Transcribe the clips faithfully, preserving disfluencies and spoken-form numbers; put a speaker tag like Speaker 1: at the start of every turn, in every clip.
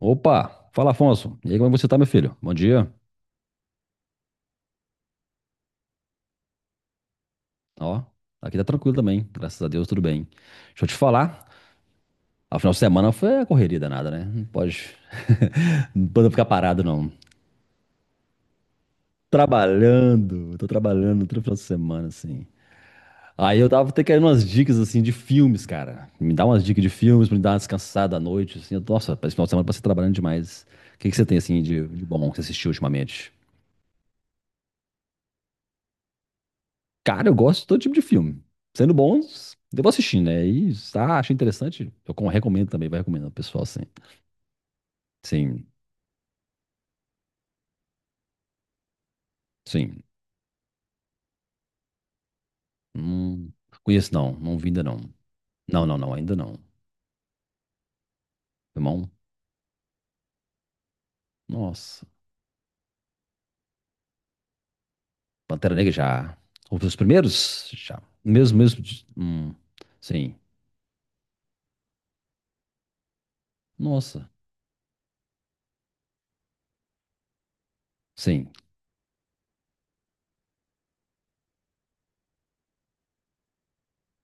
Speaker 1: Opa! Fala, Afonso. E aí, como é que você tá, meu filho? Bom dia. Ó, aqui tá tranquilo também. Graças a Deus, tudo bem. Deixa eu te falar. A final de semana foi a correria danada, né? Não pode, não pode ficar parado, não. Trabalhando, tô trabalhando todo final de semana, assim. Aí eu tava até querendo umas dicas, assim, de filmes, cara. Me dá umas dicas de filmes pra me dar uma descansada à noite, assim. Eu- Nossa, esse final de semana eu passei trabalhando demais. O que que você tem, assim, de, de bom que você assistiu ultimamente? Cara, eu gosto de todo tipo de filme. Sendo bons, eu vou assistindo, né? E ah, achei interessante, eu com- recomendo também, vai recomendando o pessoal, sim. Sim, sim. Hum, conheço não, não vi ainda não. Não, não, não, ainda não. Irmão, nossa. Pantera Negra já. Os os primeiros? Já. Mesmo, mesmo. de- Hum, sim. Nossa. Sim.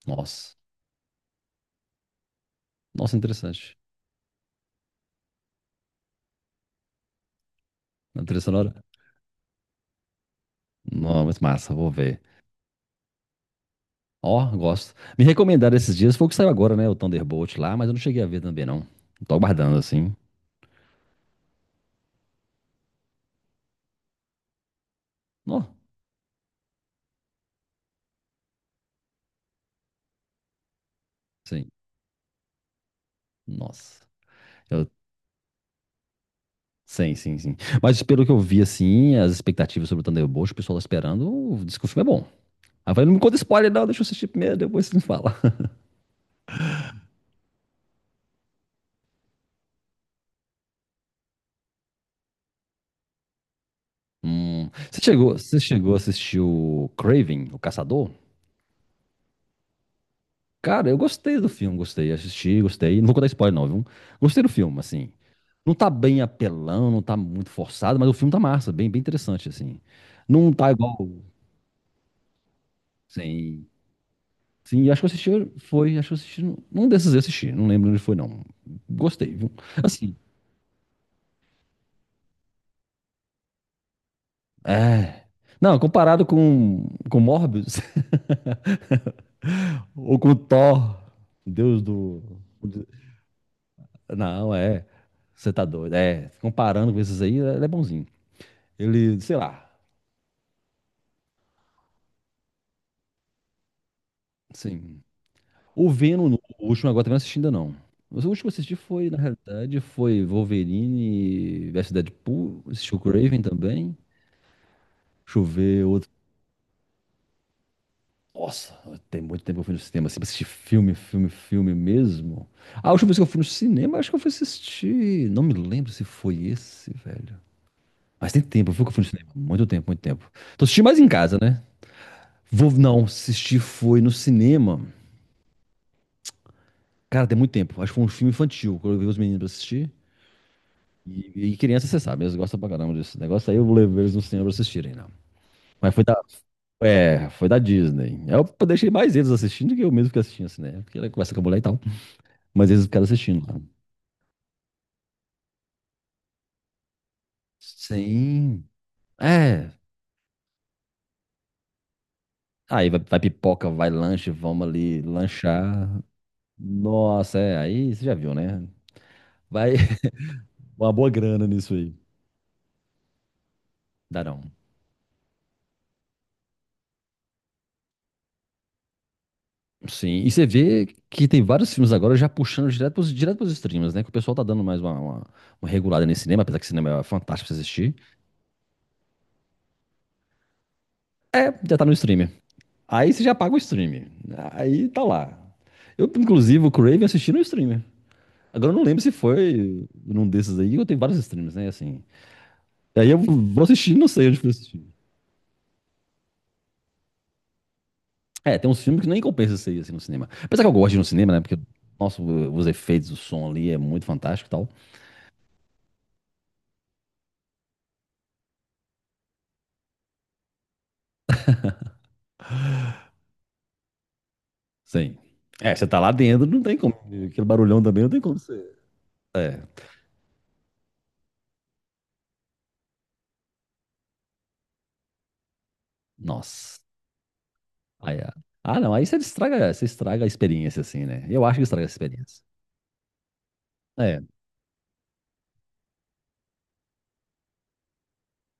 Speaker 1: Nossa. Nossa, interessante. Na trilha sonora? Não, mas massa, vou ver. Ó, gosto. Me recomendaram esses dias, foi o que saiu agora, né? O Thunderbolt lá, mas eu não cheguei a ver também, não. Tô aguardando, assim. Ó, sim. Nossa. Eu, sim, sim, sim. Mas pelo que eu vi, assim, as expectativas sobre o Thunderbolt, o pessoal tá esperando, diz que o filme é bom. Aí eu falei, não me conta spoiler, não, deixa eu assistir primeiro, depois você me fala. Hum, você chegou, você chegou a assistir o Craven, o Caçador? Cara, eu gostei do filme, gostei, assisti, gostei. Não vou contar spoiler, não, viu? Gostei do filme, assim. Não tá bem apelão, não tá muito forçado, mas o filme tá massa, bem, bem interessante, assim. Não tá igual. Sim. Sim, acho que eu assisti, foi, acho que eu assisti. Num num desses eu assisti, não lembro onde foi, não. Gostei, viu? Assim, é. Não, comparado com, com Morbius, ou com Thor, Deus do. Não, é. Você tá doido. É, comparando com esses aí, ele é bonzinho. Ele, sei lá. Sim. O Venom, no- o último agora também não assisti ainda não. Mas o último que eu assisti foi, na realidade, foi Wolverine versus Deadpool, assisti o Craven também. Deixa eu ver outro. Nossa, tem muito tempo que eu fui no cinema, assim, pra assistir filme, filme, filme mesmo. A última vez que eu fui no cinema, acho que eu fui assistir. Não me lembro se foi esse, velho. Mas tem tempo, viu que eu fui no cinema? Muito tempo, muito tempo. Tô assistindo mais em casa, né? Vou, não, assistir foi no cinema. Cara, tem muito tempo. Acho que foi um filme infantil, que eu levei os meninos pra assistir. E, e criança, você sabe, eles gostam pra caramba desse negócio. Aí eu levei eles no cinema pra assistirem, não. Mas foi da, é, foi da Disney. Aí eu deixei mais eles assistindo do que eu mesmo que assistindo assim, né? Porque ela conversa com a mulher e tal. Mas eles ficaram assistindo lá. Sim. É. Aí vai, vai pipoca, vai lanche, vamos ali lanchar. Nossa, é. Aí você já viu, né? Vai uma boa grana nisso aí. Dá não. Sim, e você vê que tem vários filmes agora já puxando direto pros, direto pros streams, né? Que o pessoal tá dando mais uma, uma, uma regulada nesse cinema, apesar que cinema é fantástico pra você assistir. É, já tá no streamer. Aí você já paga o streamer. Aí tá lá. Eu, inclusive, o Crave assisti no streamer. Agora eu não lembro se foi num desses aí, eu tenho vários streams, né? Assim. E Aí eu vou assistir, não sei onde fui assistir. É, tem uns filmes que nem compensa sair assim no cinema. Apesar que eu gosto de ir no cinema, né? Porque, nossa, os efeitos, o som ali é muito fantástico e tal. Sim. É, você tá lá dentro, não tem como. Aquele barulhão também não tem como você. É, nossa. Aí, ah, ah, não, aí você estraga, você estraga a experiência, assim, né? Eu acho que estraga a experiência. É,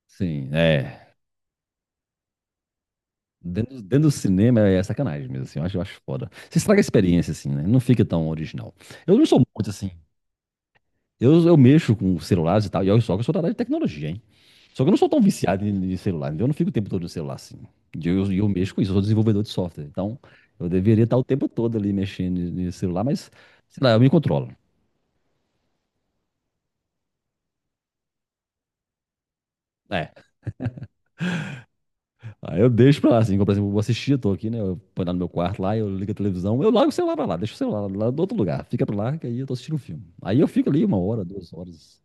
Speaker 1: sim, é. Dentro, dentro do cinema é sacanagem mesmo, assim, eu acho, eu acho foda. Você estraga a experiência, assim, né? Não fica tão original. Eu não sou muito assim. Eu, eu mexo com celulares e tal, e olha só que eu sou da área de tecnologia. Só que eu não sou tão viciado em em celular, entendeu? Eu não fico o tempo todo no celular assim. E Eu, eu, eu mexo com isso, eu sou desenvolvedor de software. Então, eu deveria estar o tempo todo ali mexendo no celular, mas, sei lá, eu me controlo. É. Aí eu deixo pra lá, assim, como, por exemplo, eu vou assistir, eu tô aqui, né? Eu ponho lá no meu quarto lá, eu ligo a televisão, eu largo o celular pra lá, deixo o celular lá do outro lugar, fica pra lá, que aí eu tô assistindo um filme. Aí eu fico ali uma hora, duas horas.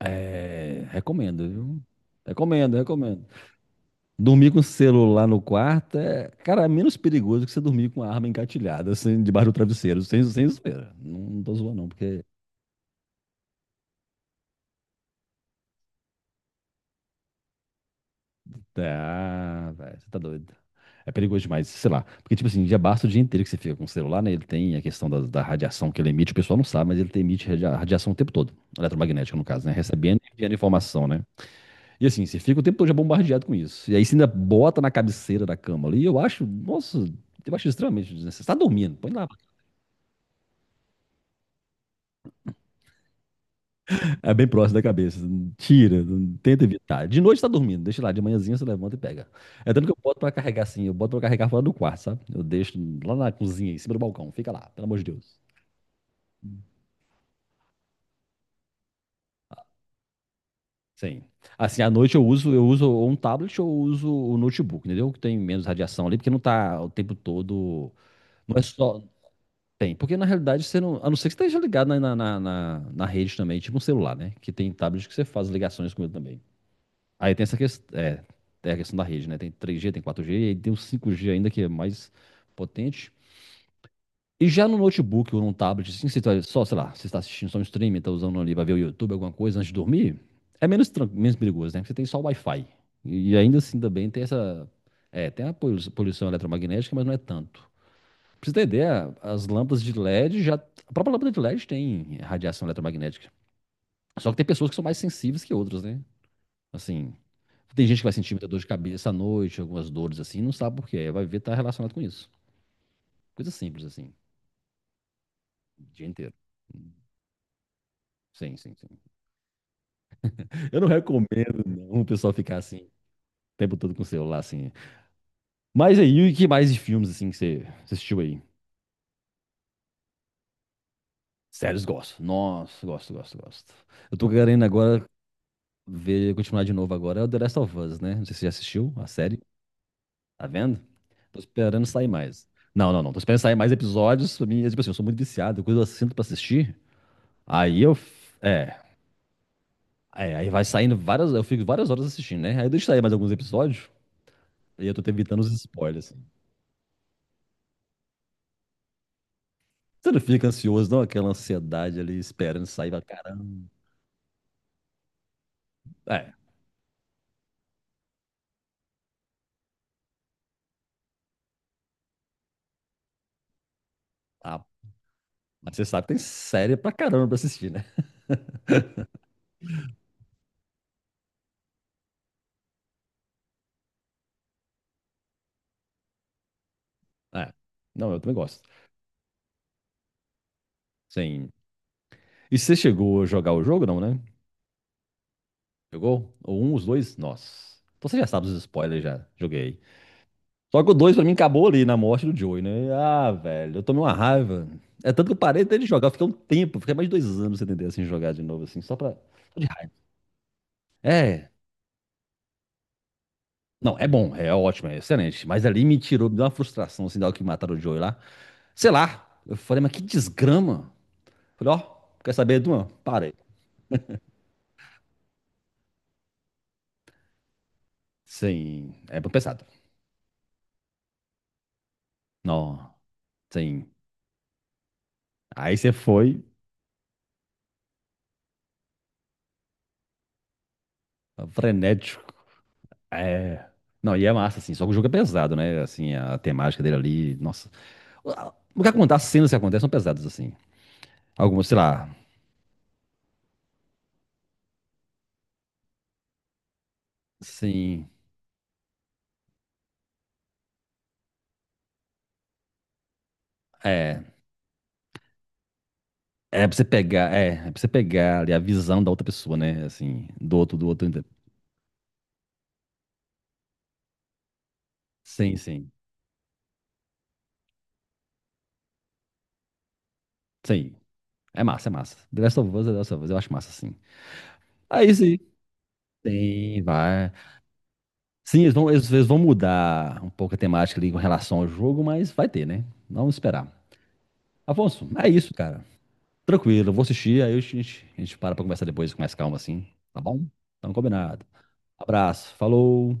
Speaker 1: É, recomendo, viu? Recomendo, recomendo. Dormir com o celular no quarto é, cara, é menos perigoso que você dormir com a arma engatilhada, assim, debaixo do travesseiro, sem, sem zoeira. Não, não tô zoando, não, porque. é, Ah, velho, você tá doido. É perigoso demais, sei lá. Porque, tipo assim, já basta o dia inteiro que você fica com o celular, né? Ele tem a questão da, da radiação que ele emite, o pessoal não sabe, mas ele tem- emite radia- radiação o tempo todo, eletromagnética, no caso, né? Recebendo e enviando informação, né? E assim, você fica o tempo todo já bombardeado com isso. E aí você ainda bota na cabeceira da cama ali, eu acho, nossa, eu acho extremamente desnecessário. Você tá dormindo, põe lá. É bem próximo da cabeça. Tira, tenta evitar. De noite tá dormindo, deixa lá. De manhãzinha você levanta e pega. É tanto que eu boto pra carregar assim, eu boto pra carregar fora do quarto, sabe? Eu deixo lá na cozinha, em cima do balcão. Fica lá, pelo amor de Deus. Sim. Assim, à noite eu uso, eu uso ou um tablet ou eu uso o notebook, entendeu? Que tem menos radiação ali, porque não tá o tempo todo. Não é só. Tem, porque na realidade você não. A não ser que você esteja ligado na, na, na, na- na rede também, tipo um celular, né? Que tem tablet que você faz ligações com ele também. Aí tem essa questão, é, tem a questão da rede, né? Tem três G, tem quatro G, e aí tem o cinco G ainda que é mais potente. E já no notebook ou num tablet, assim, você tá só, sei lá, você está assistindo só um streaming, está usando ali para ver o YouTube, alguma coisa antes de dormir, é menos, tran- menos perigoso, né? Porque você tem só o Wi-Fi. E e ainda assim também tem essa. É, tem a polu- poluição eletromagnética, mas não é tanto. Pra você ter ideia, as lâmpadas de L E D já. A própria lâmpada de L E D tem radiação eletromagnética. Só que tem pessoas que são mais sensíveis que outras, né? Assim, tem gente que vai sentir muita dor de cabeça à noite, algumas dores assim, não sabe por quê. Vai ver tá relacionado com isso. Coisa simples assim, o dia inteiro. Sim, sim, sim. Eu não recomendo não, o pessoal ficar assim, o tempo todo com o celular assim. Mas aí, o que mais de filmes assim que você você assistiu aí? Séries gosto. Nossa, gosto, gosto, gosto. Eu tô querendo agora ver, continuar de novo agora, é o The Last of Us, né? Não sei se você já assistiu a série, tá vendo? Tô esperando sair mais. Não, não, não. Tô esperando sair mais episódios. Pra mim, é tipo assim, eu sou muito viciado. Quando eu sinto pra assistir, aí eu. É. É, aí vai saindo várias. Eu fico várias horas assistindo, né? Aí deixa aí mais alguns episódios. E eu tô te evitando os spoilers, assim. Você não fica ansioso, não? Aquela ansiedade ali esperando sair pra caramba. É. Ah, mas você sabe que tem série pra caramba pra assistir, né? É. Não, eu também gosto. Sim. E você chegou a jogar o jogo, não, né? Jogou? Ou um, os dois? Nossa. Então você já sabe os spoilers já. Joguei. Só que o dois pra mim acabou ali na morte do Joey, né? Ah, velho, eu tomei uma raiva. É tanto que eu parei até de jogar, eu fiquei um tempo, fiquei mais de dois anos sem entender assim jogar de novo, assim, só pra. Só de raiva. É. Não, é bom, é ótimo, é excelente. Mas ali me tirou, me deu uma frustração, assim, da hora que mataram o Joey lá. Sei lá. Eu falei, mas que desgrama. Falei, ó, quer saber, Duan? Parei. Sim. É bom pesado. Não, sim. Aí você foi frenético. É. Não, e é massa, assim, só que o jogo é pesado, né? Assim, a temática dele ali, nossa. O que acontece, as cenas que acontecem são pesadas, assim. Algumas, sei lá, assim. É. É pra você pegar, é, é pra você pegar ali a visão da outra pessoa, né? Assim, do outro, do outro. Entendeu? Sim, sim. Sim. É massa, é massa. The Last of Us, é The Last of Us, eu acho massa, sim. Aí sim. Tem, vai. Sim, eles vão, eles, eles vão mudar um pouco a temática ali com relação ao jogo, mas vai ter, né? Vamos esperar. Afonso, é isso, cara. Tranquilo, eu vou assistir, aí a gente, a gente para pra conversar depois com mais calma, assim. Tá bom? Então, combinado. Abraço, falou.